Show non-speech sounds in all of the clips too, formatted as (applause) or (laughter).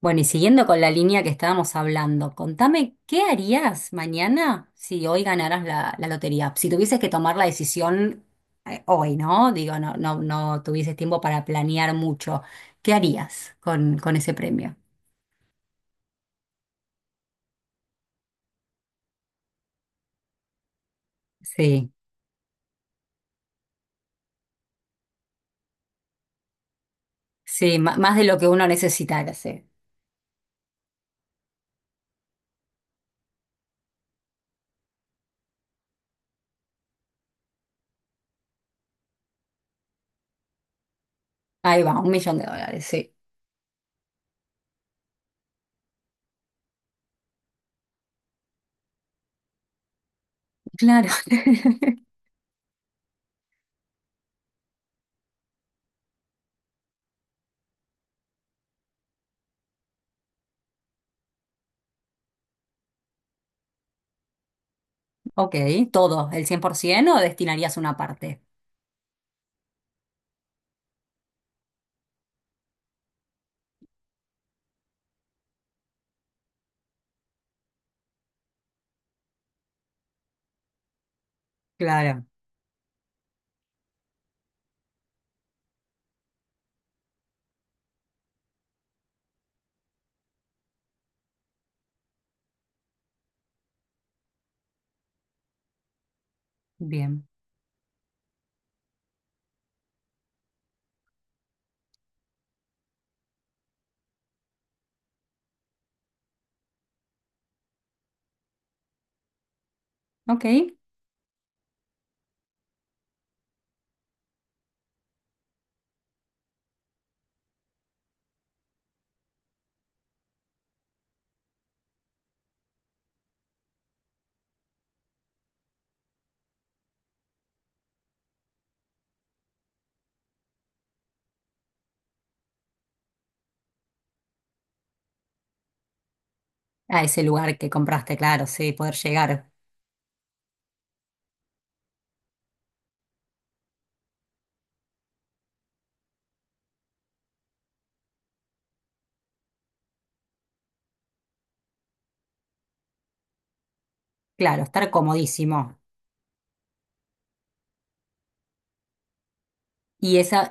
Bueno, y siguiendo con la línea que estábamos hablando, contame, ¿qué harías mañana si hoy ganaras la lotería? Si tuvieses que tomar la decisión hoy, ¿no? Digo, no tuvieses tiempo para planear mucho. ¿Qué harías con ese premio? Sí, más de lo que uno necesitara, sí. Ahí va, un millón de dólares, sí. Claro. (laughs) Ok, todo, el 100% o destinarías una parte. Claro. Bien. Ok. A ese lugar que compraste, claro, sí, poder llegar. Claro, estar comodísimo. ¿Y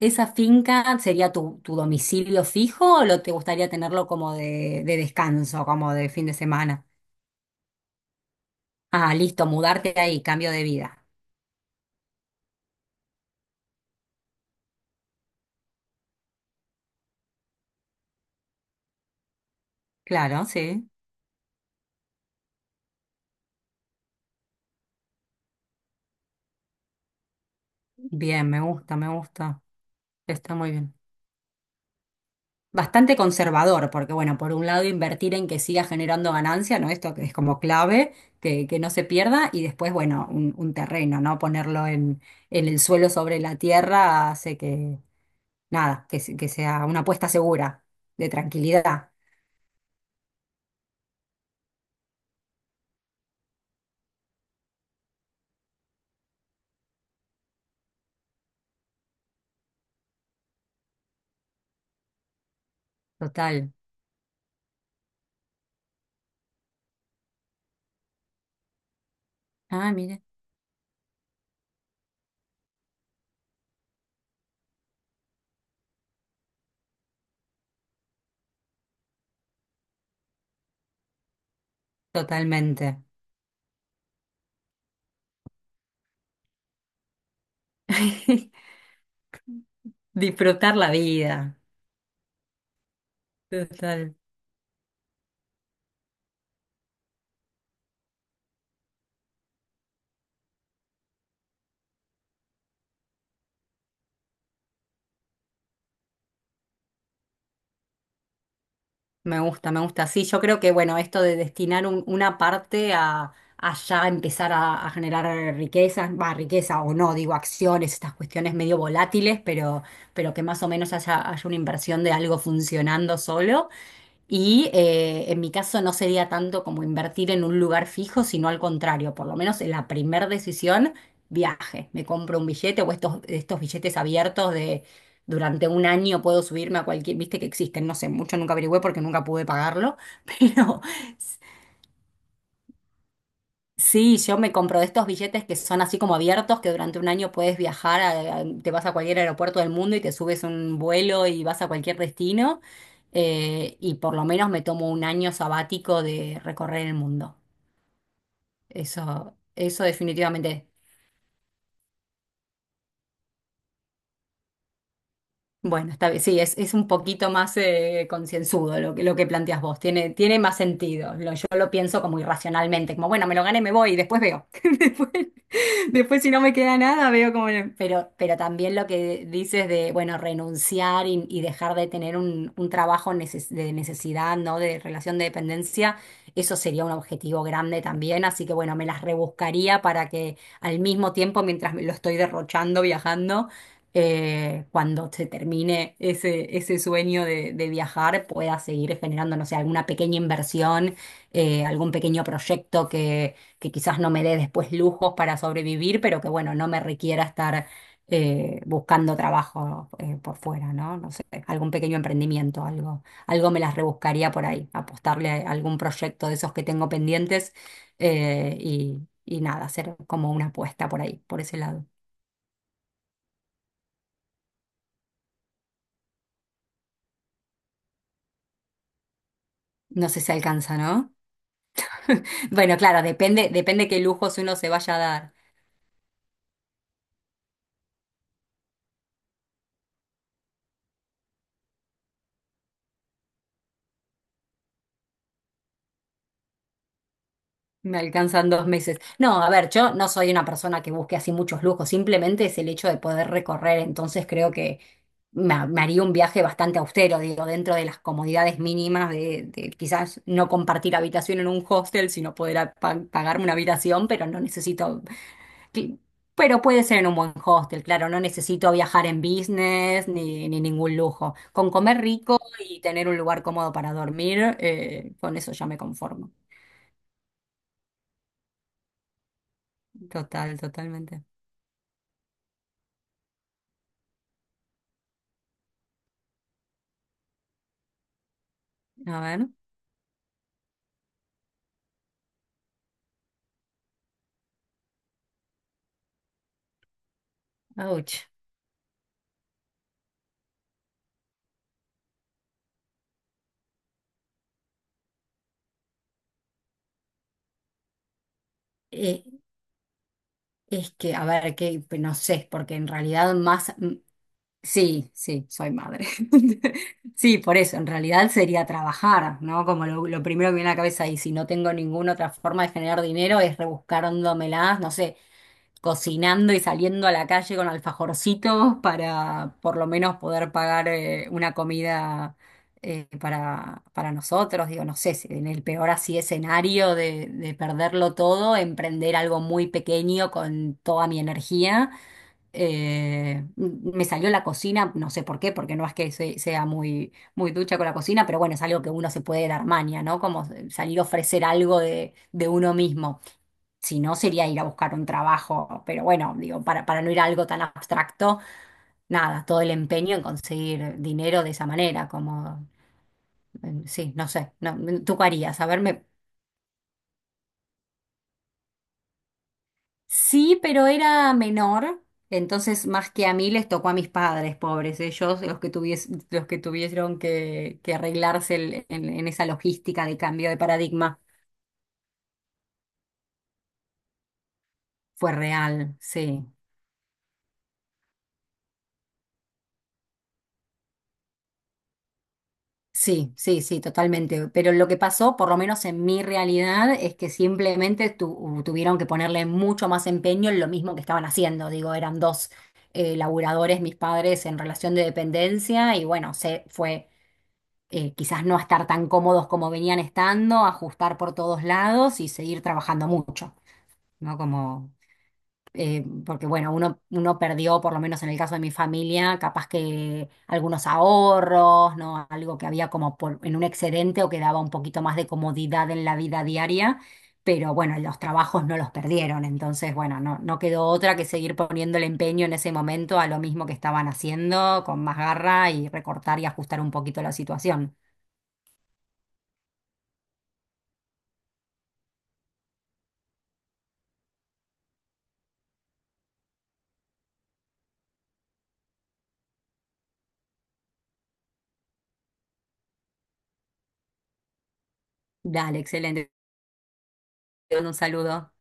esa finca sería tu domicilio fijo o lo te gustaría tenerlo como de descanso, como de fin de semana? Ah, listo, mudarte ahí, cambio de vida. Claro, sí. Bien, me gusta, me gusta. Está muy bien. Bastante conservador, porque bueno, por un lado invertir en que siga generando ganancia, ¿no? Esto que es como clave, que no se pierda, y después, bueno, un terreno, ¿no? Ponerlo en el suelo sobre la tierra hace que nada, que sea una apuesta segura, de tranquilidad. Total. Ah, mire, totalmente. (laughs) Disfrutar la vida. Total. Me gusta, me gusta. Sí, yo creo que, bueno, esto de destinar una parte a ya empezar a generar riquezas, va, riqueza o no, digo, acciones, estas cuestiones medio volátiles, pero que más o menos haya, haya una inversión de algo funcionando solo. Y en mi caso no sería tanto como invertir en un lugar fijo, sino al contrario, por lo menos en la primera decisión, viaje. Me compro un billete o estos billetes abiertos de durante un año puedo subirme a cualquier, viste que existen, no sé, mucho nunca averigüé porque nunca pude pagarlo, (laughs) pero sí, yo me compro de estos billetes que son así como abiertos, que durante un año puedes viajar, te vas a cualquier aeropuerto del mundo y te subes un vuelo y vas a cualquier destino. Y por lo menos me tomo un año sabático de recorrer el mundo. Eso definitivamente. Bueno, está bien. Sí, es un poquito más concienzudo lo que planteas vos. Tiene, tiene más sentido. Lo- yo lo pienso como irracionalmente, como bueno, me lo gané, me voy y después veo. (laughs) Después, si no me queda nada, veo como. No. Pero también lo que dices de, bueno, renunciar y dejar de tener un trabajo de necesidad, ¿no? De relación de dependencia, eso sería un objetivo grande también. Así que, bueno, me las rebuscaría para que al mismo tiempo, mientras me lo estoy derrochando viajando, cuando se termine ese sueño de viajar, pueda seguir generando, no sé, alguna pequeña inversión, algún pequeño proyecto que quizás no me dé después lujos para sobrevivir, pero que bueno, no me requiera estar buscando trabajo por fuera, ¿no? No sé, algún pequeño emprendimiento, algo, algo me las rebuscaría por ahí, apostarle a algún proyecto de esos que tengo pendientes y nada, hacer como una apuesta por ahí, por ese lado. No sé si alcanza, ¿no? (laughs) Bueno, claro, depende, depende qué lujos uno se vaya a dar. Me alcanzan dos meses. No, a ver, yo no soy una persona que busque así muchos lujos, simplemente es el hecho de poder recorrer, entonces creo que me haría un viaje bastante austero, digo, dentro de las comodidades mínimas de quizás no compartir habitación en un hostel, sino poder pagarme una habitación, pero no necesito, que- pero puede ser en un buen hostel, claro, no necesito viajar en business ni, ni ningún lujo. Con comer rico y tener un lugar cómodo para dormir, con eso ya me conformo. Total, totalmente. A ver, ouch. Eh, es que, a ver, que pues, no sé, porque en realidad más, sí, sí, soy madre. (laughs) Sí, por eso, en realidad sería trabajar, ¿no? Como lo primero que me viene a la cabeza y si no tengo ninguna otra forma de generar dinero es rebuscándomelas, no sé, cocinando y saliendo a la calle con alfajorcitos para por lo menos poder pagar una comida para nosotros. Digo, no sé, si en el peor así escenario de perderlo todo, emprender algo muy pequeño con toda mi energía. Me salió la cocina, no sé por qué, porque no es que sea muy, muy ducha con la cocina, pero bueno, es algo que uno se puede dar maña, ¿no? Como salir a ofrecer algo de uno mismo. Si no, sería ir a buscar un trabajo, pero bueno, digo, para no ir a algo tan abstracto, nada, todo el empeño en conseguir dinero de esa manera, como, sí, no sé, no, mm, ¿tú qué harías? A ver, me- sí, pero era menor, entonces más que a mí les tocó a mis padres, pobres, ellos, los que tuvies, los que tuvieron que arreglarse el- en esa logística de cambio de paradigma, fue real, sí. Sí, sí, sí, totalmente. Pero lo que pasó, por lo menos en mi realidad, es que simplemente tuvieron que ponerle mucho más empeño en lo mismo que estaban haciendo. Digo, eran dos laburadores, mis padres, en relación de dependencia y bueno, se fue quizás no a estar tan cómodos como venían estando, ajustar por todos lados y seguir trabajando mucho, ¿no? Como porque bueno, uno perdió, por lo menos en el caso de mi familia, capaz que algunos ahorros, ¿no? Algo que había como por- en un excedente o que daba un poquito más de comodidad en la vida diaria, pero bueno, los trabajos no los perdieron, entonces bueno, no, no quedó otra que seguir poniendo el empeño en ese momento a lo mismo que estaban haciendo, con más garra y recortar y ajustar un poquito la situación. Dale, excelente. Te mando un saludo.